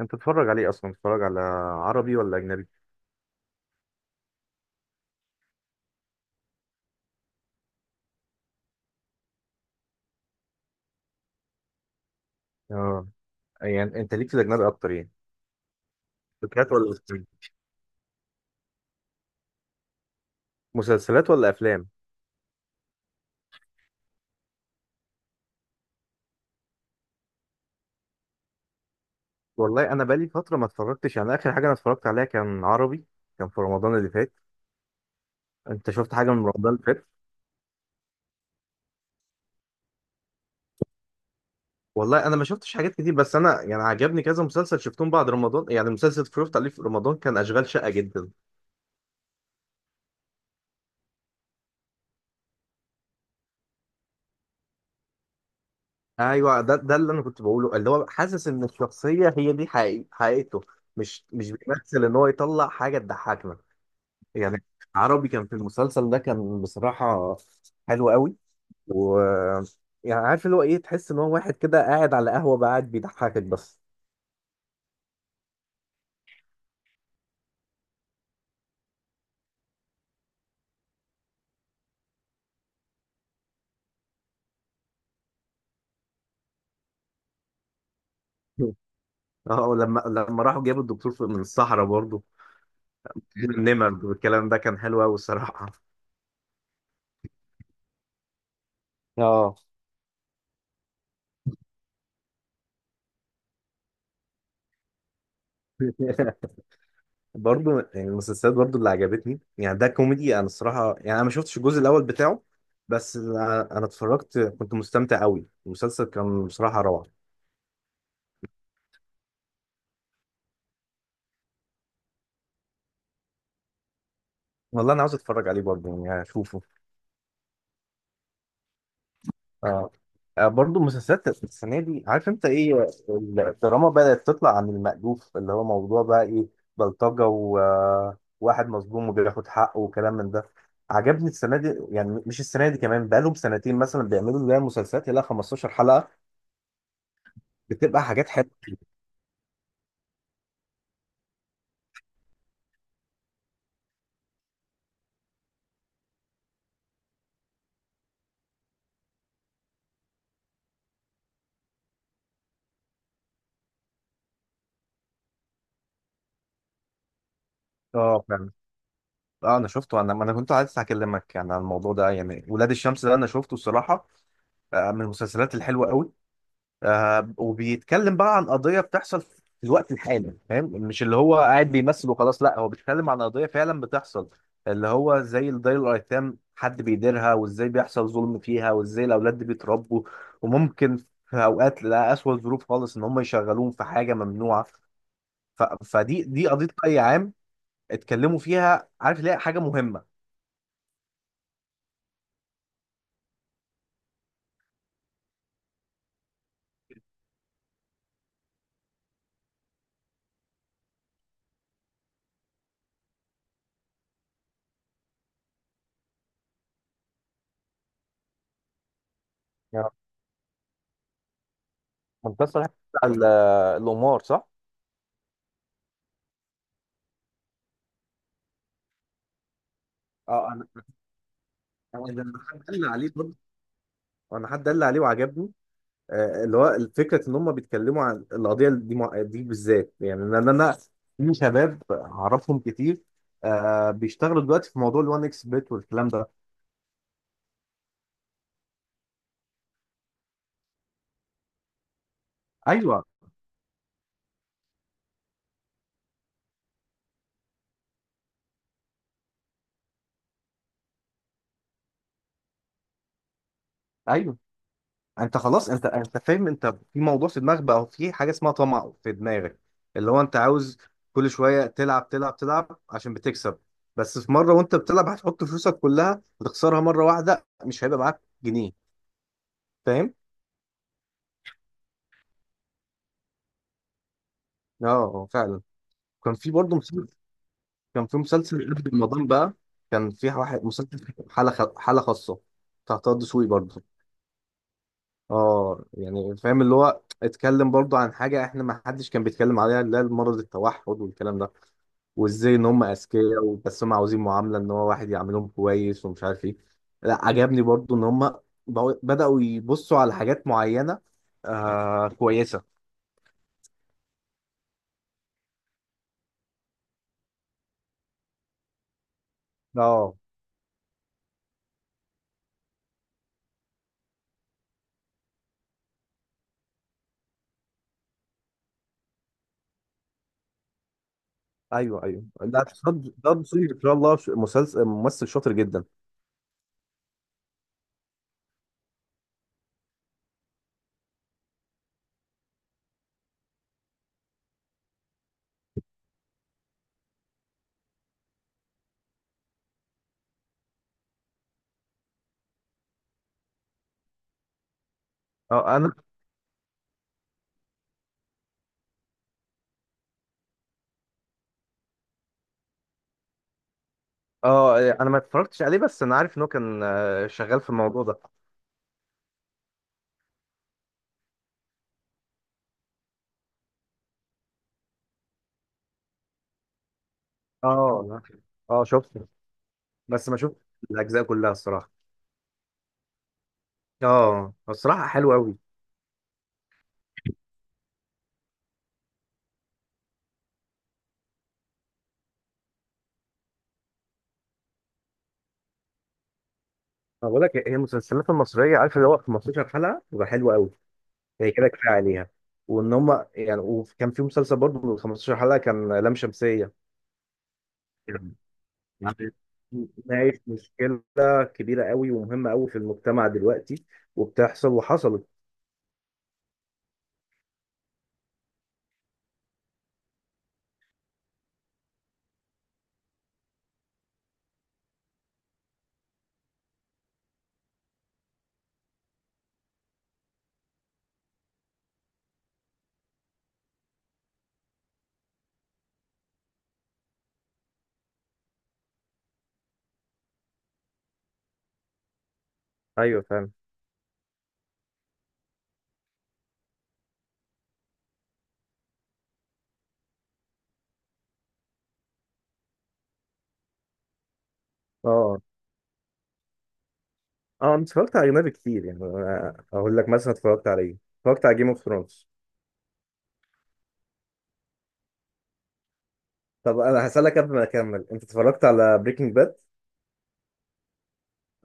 انت تتفرج عليه اصلا، تتفرج على عربي ولا اجنبي؟ اه. يعني انت ليك في الاجنبي اكتر، يعني. مسلسلات ولا أفلام؟ مسلسلات ولا افلام؟ والله، انا بقالي فتره ما اتفرجتش، يعني اخر حاجه انا اتفرجت عليها كان عربي، كان في رمضان اللي فات. انت شفت حاجه من رمضان اللي فات؟ والله انا ما شفتش حاجات كتير، بس انا يعني عجبني كذا مسلسل شفتهم بعد رمضان. يعني مسلسل اتفرجت عليه في رمضان كان اشغال شقه جدا. ايوه، ده اللي انا كنت بقوله، اللي هو حاسس ان الشخصيه هي دي حقيقته، مش بيمثل ان هو يطلع حاجه تضحكنا. يعني عربي، كان في المسلسل ده كان بصراحة حلو قوي. و يعني عارف اللي هو ايه، تحس ان هو واحد كده قاعد على قهوة بقى، قاعد بيضحكك بس. اه، لما راحوا جابوا الدكتور من الصحراء برضه. النمر والكلام ده كان حلو قوي الصراحة. اه. برضه يعني المسلسلات برضه اللي عجبتني، يعني ده كوميدي. انا الصراحة يعني انا ما شفتش الجزء الاول بتاعه، بس انا اتفرجت، كنت مستمتع قوي، المسلسل كان بصراحة روعة. والله انا عاوز اتفرج عليه برضه، يعني اشوفه. اه، برضو مسلسلات السنه دي، عارف انت ايه، الدراما بدات تطلع عن المألوف، اللي هو موضوع بقى ايه، بلطجه وواحد مظلوم وبياخد حقه وكلام من ده. عجبني السنه دي، يعني مش السنه دي، كمان بقالهم سنتين مثلا بيعملوا زي مسلسلات يلا 15 حلقه، بتبقى حاجات حلوه. اه فعلا. اه انا شفته، انا كنت عايز اكلمك يعني عن الموضوع ده، يعني ولاد الشمس ده انا شفته الصراحه، من المسلسلات الحلوه قوي. وبيتكلم بقى عن قضية بتحصل في الوقت الحالي، فاهم؟ مش اللي هو قاعد بيمثل وخلاص، لا هو بيتكلم عن قضية فعلا بتحصل، اللي هو زي دار الأيتام، حد بيديرها وازاي بيحصل ظلم فيها، وازاي الأولاد دي بيتربوا وممكن في أوقات، لا، أسوأ ظروف خالص، إن هم يشغلوهم في حاجة ممنوعة. فدي قضية رأي عام اتكلموا فيها، عارف ليه، حاجة مهمة. يا منتصر، ال- الأمور صح؟ اه انا، أنا حد قال لي عليه برضه، انا حد قال لي عليه وعجبني. اللي هو فكره ان هم بيتكلموا عن القضيه دي، دي بالذات، يعني ان انا في شباب اعرفهم كتير بيشتغلوا دلوقتي في موضوع ال1 اكس بيت والكلام ده. ايوه، ايوه، انت خلاص، انت فاهم. انت في موضوع في دماغك بقى، في حاجه اسمها طمع في دماغك، اللي هو انت عاوز كل شويه تلعب تلعب تلعب عشان بتكسب. بس في مره وانت بتلعب هتحط فلوسك كلها، هتخسرها مره واحده، مش هيبقى معاك جنيه. فاهم؟ اه، فعلا. كان في برضه كان في مسلسل قبل رمضان بقى، كان في واحد مسلسل حالة خاصة بتاع طه دسوقي برضه. اه يعني فاهم، اللي هو اتكلم برضه عن حاجة احنا ما حدش كان بيتكلم عليها، اللي هي مرض التوحد والكلام ده، وازاي ان هم اذكياء، بس هم عاوزين معاملة ان هو واحد يعاملهم كويس ومش عارف ايه. لا عجبني برضه ان هم بدأوا يبصوا على حاجات معينة كويسة. اه ايوه ايوه، ده دسوقي ان شاء الله، ش- مسلسل ممثل شاطر جدا. اه انا، اه إيه، انا ما اتفرجتش عليه، بس انا عارف انه كان شغال في الموضوع ده. اه، لا. اه شفته، بس ما شفت الاجزاء كلها الصراحه. اه، الصراحه حلوه قوي. انا بقول لك، هي المسلسلات المصريه، عارف اللي هو 15 حلقه بتبقى حلوه قوي، هي كده كفايه عليها. وان هم يعني، وكان في مسلسل برضه من 15 حلقه كان لام شمسيه، يعني ناقش مشكله كبيره قوي ومهمه قوي في المجتمع دلوقتي، وبتحصل وحصلت. ايوه فاهم. اه اه، انا اتفرجت على اجنبي كتير، يعني أنا اقول لك مثلا، اتفرجت على ايه، اتفرجت على جيم اوف ثرونز. طب انا هسألك قبل ما اكمل، انت اتفرجت على بريكنج باد؟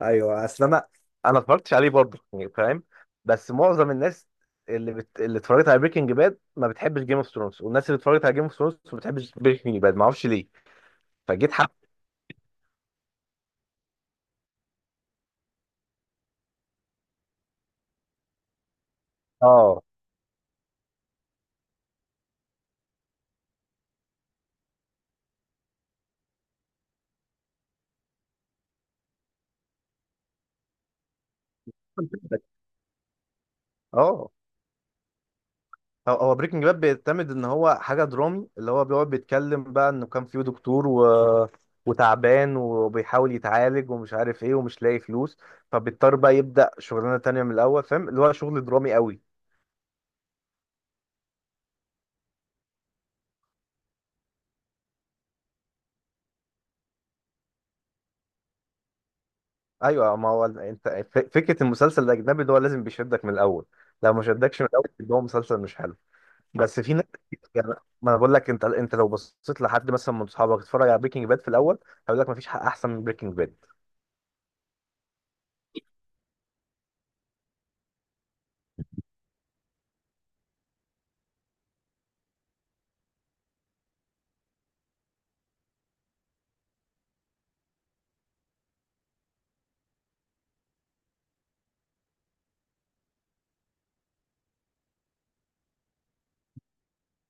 ايوه، اصل انا ما اتفرجتش عليه برضه، يعني فاهم. بس معظم الناس اللي اتفرجت على بريكنج باد ما بتحبش جيم اوف ثرونز، والناس اللي اتفرجت على جيم اوف ثرونز ما بتحبش بريكنج باد، ما اعرفش ليه، فجيت حق. اه اه، هو بريكنج باد بيعتمد ان هو حاجه درامي، اللي هو بيقعد بيتكلم بقى انه كان فيه دكتور وتعبان، وبيحاول يتعالج ومش عارف ايه، ومش لاقي فلوس، فبيضطر بقى يبدا شغلانه تانية من الاول، فاهم، اللي هو شغل درامي قوي. ايوه، ما هو انت، فكره المسلسل الاجنبي ده هو لازم بيشدك من الاول، لو ما شدكش من الاول يبقى هو مسلسل مش حلو. بس في ناس يعني، ما انا بقول لك، انت لو بصيت لحد مثلا من اصحابك اتفرج على بريكنج باد في الاول، هيقول لك ما فيش حق احسن من بريكنج باد.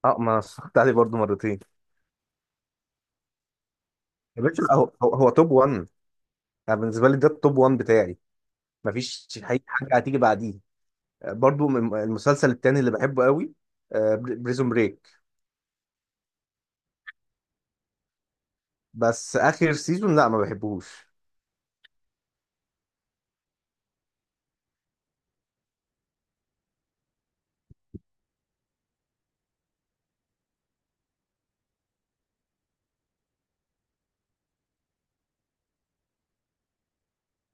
اه، ما أنا اتفرجت عليه برضه مرتين. يا باشا، هو توب 1. انا بالنسبه لي ده التوب 1 بتاعي، مفيش حقيقة حاجه هتيجي بعديه. برضو المسلسل التاني اللي بحبه قوي بريزون بريك، بس اخر سيزون لا ما بحبوش.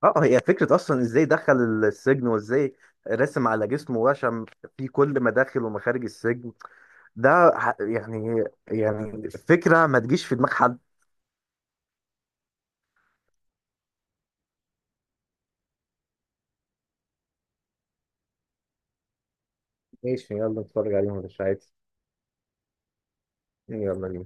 اه، هي فكره اصلا ازاي دخل السجن، وازاي رسم على جسمه وشم في كل مداخل ومخارج السجن، ده يعني فكره ما تجيش في دماغ حد. ماشي، يلا نتفرج عليهم مش عادي. يلا بينا